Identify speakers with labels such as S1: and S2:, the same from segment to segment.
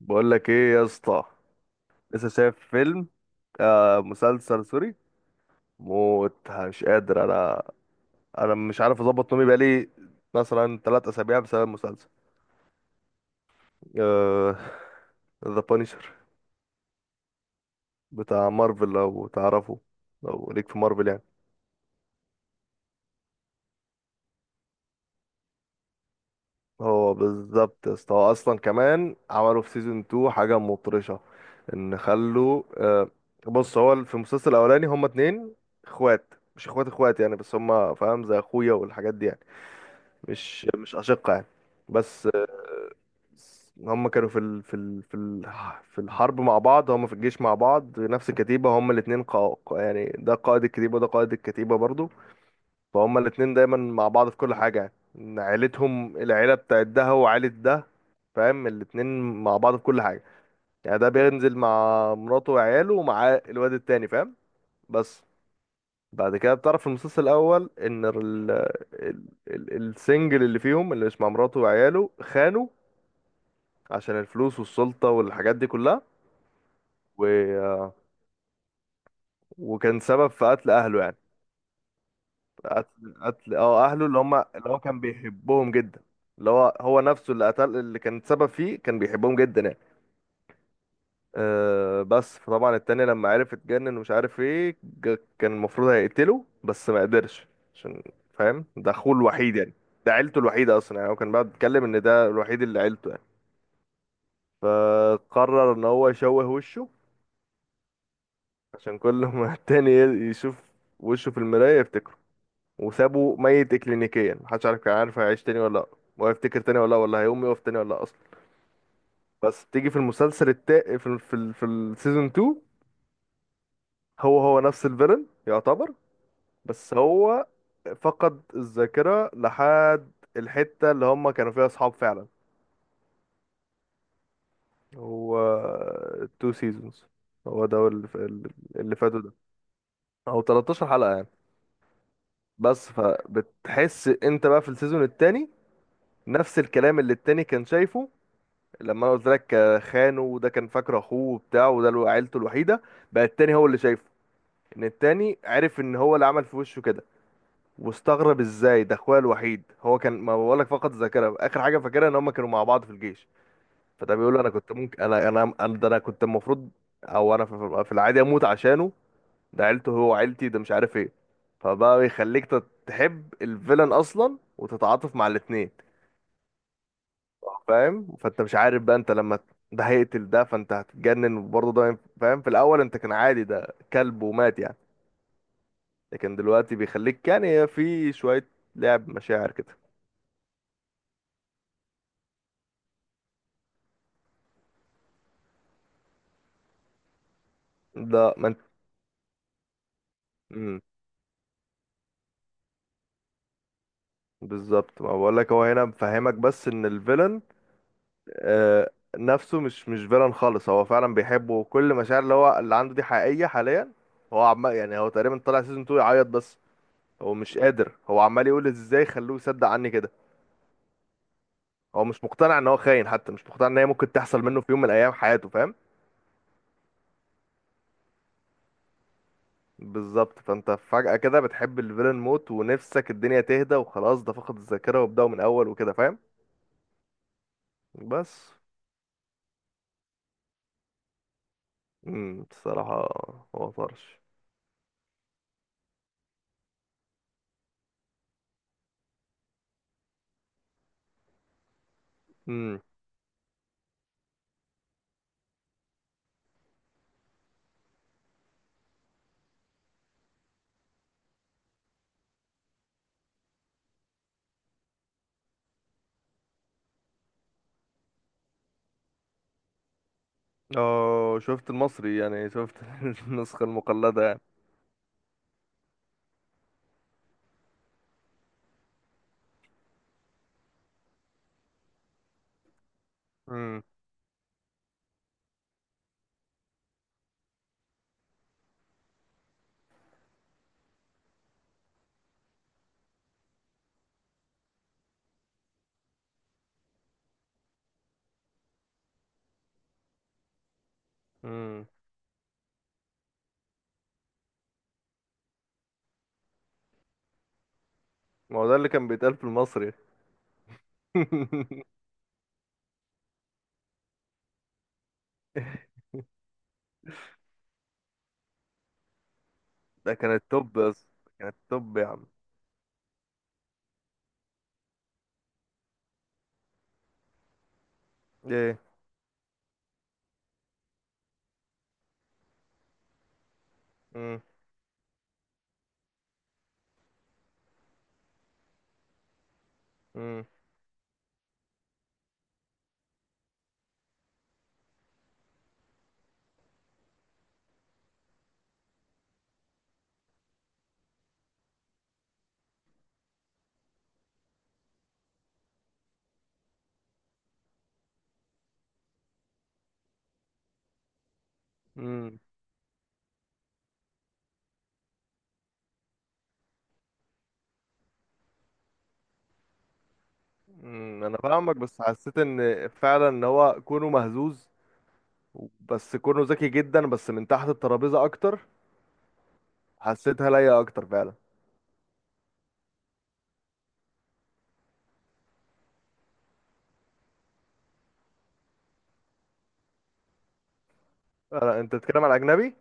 S1: بقول لك ايه يا اسطى. لسه شايف فيلم؟ آه، مسلسل سوري. موت، مش قادر انا. انا مش عارف اظبط نومي بقالي مثلا 3 اسابيع بسبب المسلسل. آه. ذا بانشر، بتاع مارفل لو تعرفه. لو ليك في مارفل يعني. هو بالظبط يا اسطى، هو اصلا كمان عملوا في سيزون 2 حاجه مطرشه. ان خلوا آه بص، هو في المسلسل الاولاني هما اتنين اخوات، مش اخوات اخوات يعني، بس هما فاهم زي اخويا والحاجات دي يعني. مش أشقة يعني. بس بس هم كانوا في الحرب مع بعض، هم في الجيش مع بعض، نفس الكتيبة. هم الاتنين يعني ده قائد الكتيبة وده قائد الكتيبة برضو. فهم الاتنين دايما مع بعض في كل حاجة، يعني إن عيلتهم، العيلة بتاعت ده وعيلة ده، فاهم، الاتنين مع بعض في كل حاجة. يعني ده بينزل مع مراته وعياله ومع الواد التاني، فاهم. بس بعد كده بتعرف في المسلسل الأول إن السنجل اللي فيهم، اللي مش مع مراته وعياله، خانوا عشان الفلوس والسلطة والحاجات دي كلها. و... وكان سبب في قتل أهله يعني. قتل أهله، اللي هم اللي هو كان بيحبهم جدا. اللي هو نفسه اللي قتل، اللي كان سبب فيه كان بيحبهم جدا يعني. بس فطبعا التاني لما عرف اتجنن ومش عارف ايه، كان المفروض هيقتله بس ما قدرش، عشان فاهم ده أخوه الوحيد يعني، ده عيلته الوحيدة أصلا. يعني هو كان بقى بيتكلم إن ده الوحيد اللي عيلته يعني. فقرر إن هو يشوه وشه عشان كل ما التاني يشوف وشه في المراية يفتكره. وسابه ميت اكلينيكيا، محدش عارف، كان عارف هيعيش تاني ولا لا، وهيفتكر تاني ولا لا، ولا هيقوم يقف تاني ولا لا اصلا. بس تيجي في المسلسل في في السيزون 2، هو نفس الفيلن يعتبر، بس هو فقد الذاكرة لحد الحتة اللي هم كانوا فيها اصحاب فعلا. هو تو سيزونز. هو ده اللي فاتوا ده، او 13 حلقة يعني. بس فبتحس انت بقى في السيزون التاني نفس الكلام اللي التاني كان شايفه. لما انا قلت لك خانه وده كان فاكر اخوه وبتاع، وده عيلته الوحيده، بقى التاني هو اللي شايفه. ان التاني عرف ان هو اللي عمل في وشه كده، واستغرب ازاي ده اخويا الوحيد. هو كان، ما بقولك، فقد الذاكره، اخر حاجه فاكرها ان هم كانوا مع بعض في الجيش. فده بيقول له انا كنت ممكن ده انا كنت المفروض، او انا في العادي اموت عشانه، ده عيلته، هو عيلتي، ده مش عارف ايه. فبقى يخليك تحب الفيلن اصلا وتتعاطف مع الاتنين، فاهم. فانت مش عارف بقى، انت لما ده هيقتل ده، فانت هتتجنن. وبرضه ده فاهم، في الاول انت كان عادي، ده كلب ومات يعني، لكن دلوقتي بيخليك يعني في شوية لعب مشاعر كده. ده ما انت، مم، بالظبط، ما بقول لك هو هنا مفهمك بس ان الفيلن آه نفسه مش فيلن خالص، هو فعلا بيحبه، وكل مشاعر اللي هو اللي عنده دي حقيقية حاليا. هو عمال يعني، هو تقريبا طلع سيزون 2 يعيط بس، هو مش قادر، هو عمال يقول ازاي خلوه يصدق عني كده. هو مش مقتنع ان هو خاين، حتى مش مقتنع ان هي ممكن تحصل منه في يوم من الايام حياته، فاهم. بالظبط، فانت فجأة كده بتحب الفيلن موت، ونفسك الدنيا تهدى وخلاص، ده فقد الذاكرة وابدأوا من اول وكده، فاهم. بس. بصراحة هو طرش. امم. اه، شفت المصري يعني، شفت النسخة المقلدة يعني. امم. امم. ما هو ده اللي كان بيتقال في المصري. ده كان التوب بس، كان التوب يا عم. ايه. امم. امم. انا فاهمك، بس حسيت ان فعلا ان هو كونه مهزوز، بس كونه ذكي جدا بس من تحت الترابيزه اكتر، حسيتها ليا اكتر فعلا. انت بتتكلم على اجنبي؟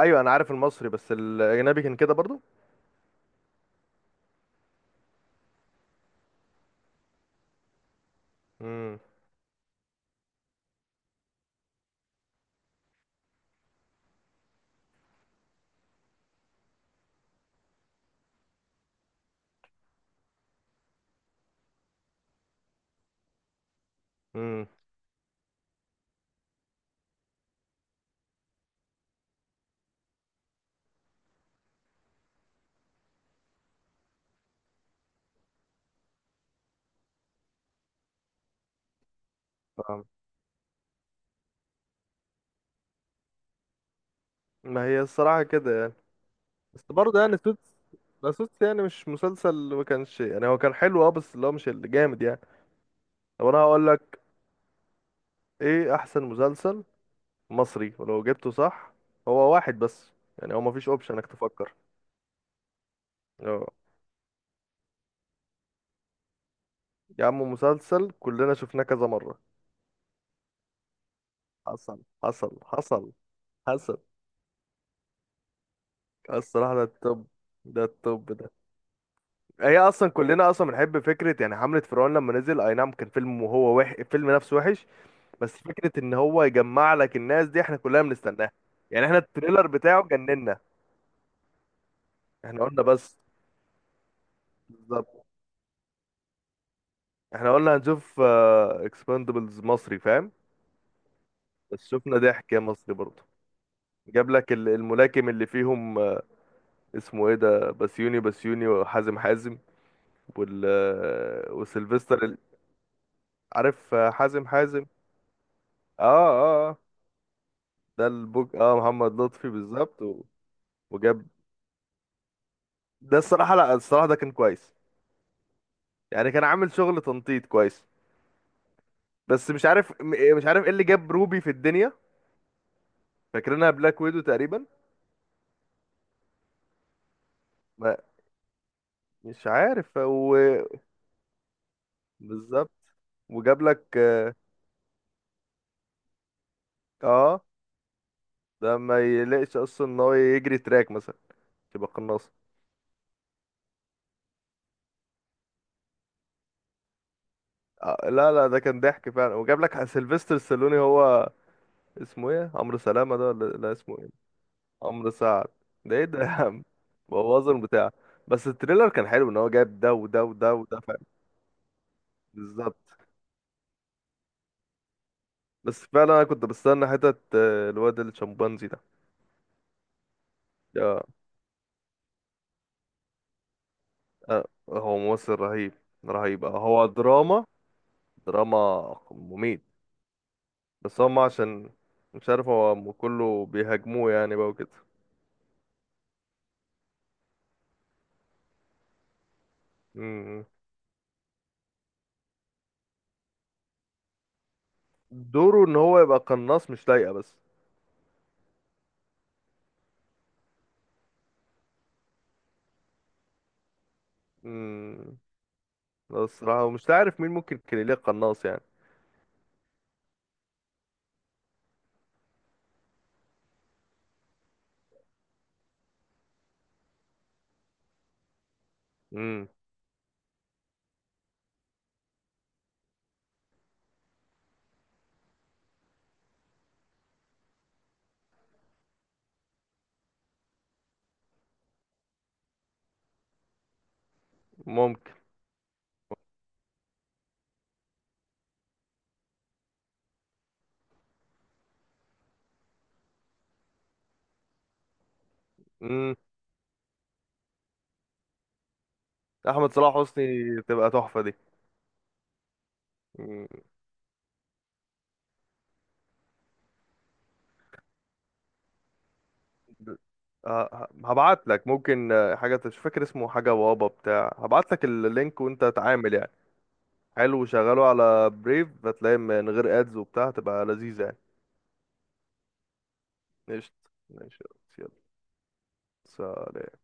S1: ايوه انا عارف المصري، بس الاجنبي كان كده برضو. امم. امم. فاهم. ما هي الصراحه كده يعني. بس برضه يعني سوتس، لا سوتس يعني مش مسلسل ما كانش يعني، هو كان حلو بس اللي هو مش اللي جامد يعني. طب انا هقول لك ايه احسن مسلسل مصري، ولو جبته صح هو واحد بس، يعني هو مفيش اوبشن انك تفكر. أه. يا عم مسلسل كلنا شفناه كذا مرة. حصل حصل حصل. حصل. الصراحة ده التوب، ده التوب ده. هي اصلا كلنا اصلا بنحب فكرة، يعني حملة فرعون لما نزل، اي نعم كان فيلم الفيلم نفسه وحش، بس فكرة ان هو يجمع لك الناس دي احنا كلنا بنستناها. يعني احنا التريلر بتاعه جننا. احنا قلنا بس. بالظبط. احنا قلنا هنشوف اكسباندبلز مصري، فاهم. بس شفنا ضحك يا مصري برضه، جاب لك الملاكم اللي فيهم، اسمه ايه ده، بسيوني بسيوني وحازم حازم، وال، وسيلفستر عارف حازم حازم. اه. اه. آه. ده البوج، محمد لطفي بالظبط، وجاب، ده الصراحة، لا الصراحة ده كان كويس، يعني كان عامل شغل تنطيط كويس، بس مش عارف ايه اللي جاب روبي في الدنيا، فاكرينها بلاك ويدو تقريبا. ما مش عارف. بالظبط، وجاب لك آه، ده ما يلاقيش اصلا ان هو يجري تراك مثلا تبقى قناص؟ آه لا لا، ده كان ضحك فعلا. وجاب لك سيلفستر ستالوني، هو اسمه ايه، عمرو سلامة ده، ولا لا اسمه ايه، عمرو سعد. ده ايه ده يا عم، بوظ البتاع. بس التريلر كان حلو ان هو جايب ده وده وده وده فعلا. بالظبط. بس فعلا انا كنت بستنى حتة الواد الشمبانزي ده. يا آه، هو ممثل رهيب. رهيب. هو دراما، دراما مميت. بس هم عشان مش عارف هو كله بيهاجموه يعني بقى وكده. مم. دوره ان هو يبقى قناص مش لايقة بس. مم. الصراحة مش عارف مين ممكن كان ليه قناص يعني. امم، ممكن. امم. احمد صلاح حسني تبقى تحفه دي. مم. هبعت لك ممكن حاجه مش فاكر اسمه، حاجه بابا بتاع، هبعت لك اللينك وانت تعامل يعني. حلو، وشغله على بريف هتلاقي من غير ادز وبتاع، هتبقى لذيذه يعني. قشطه. ماشي. يلا. سلام.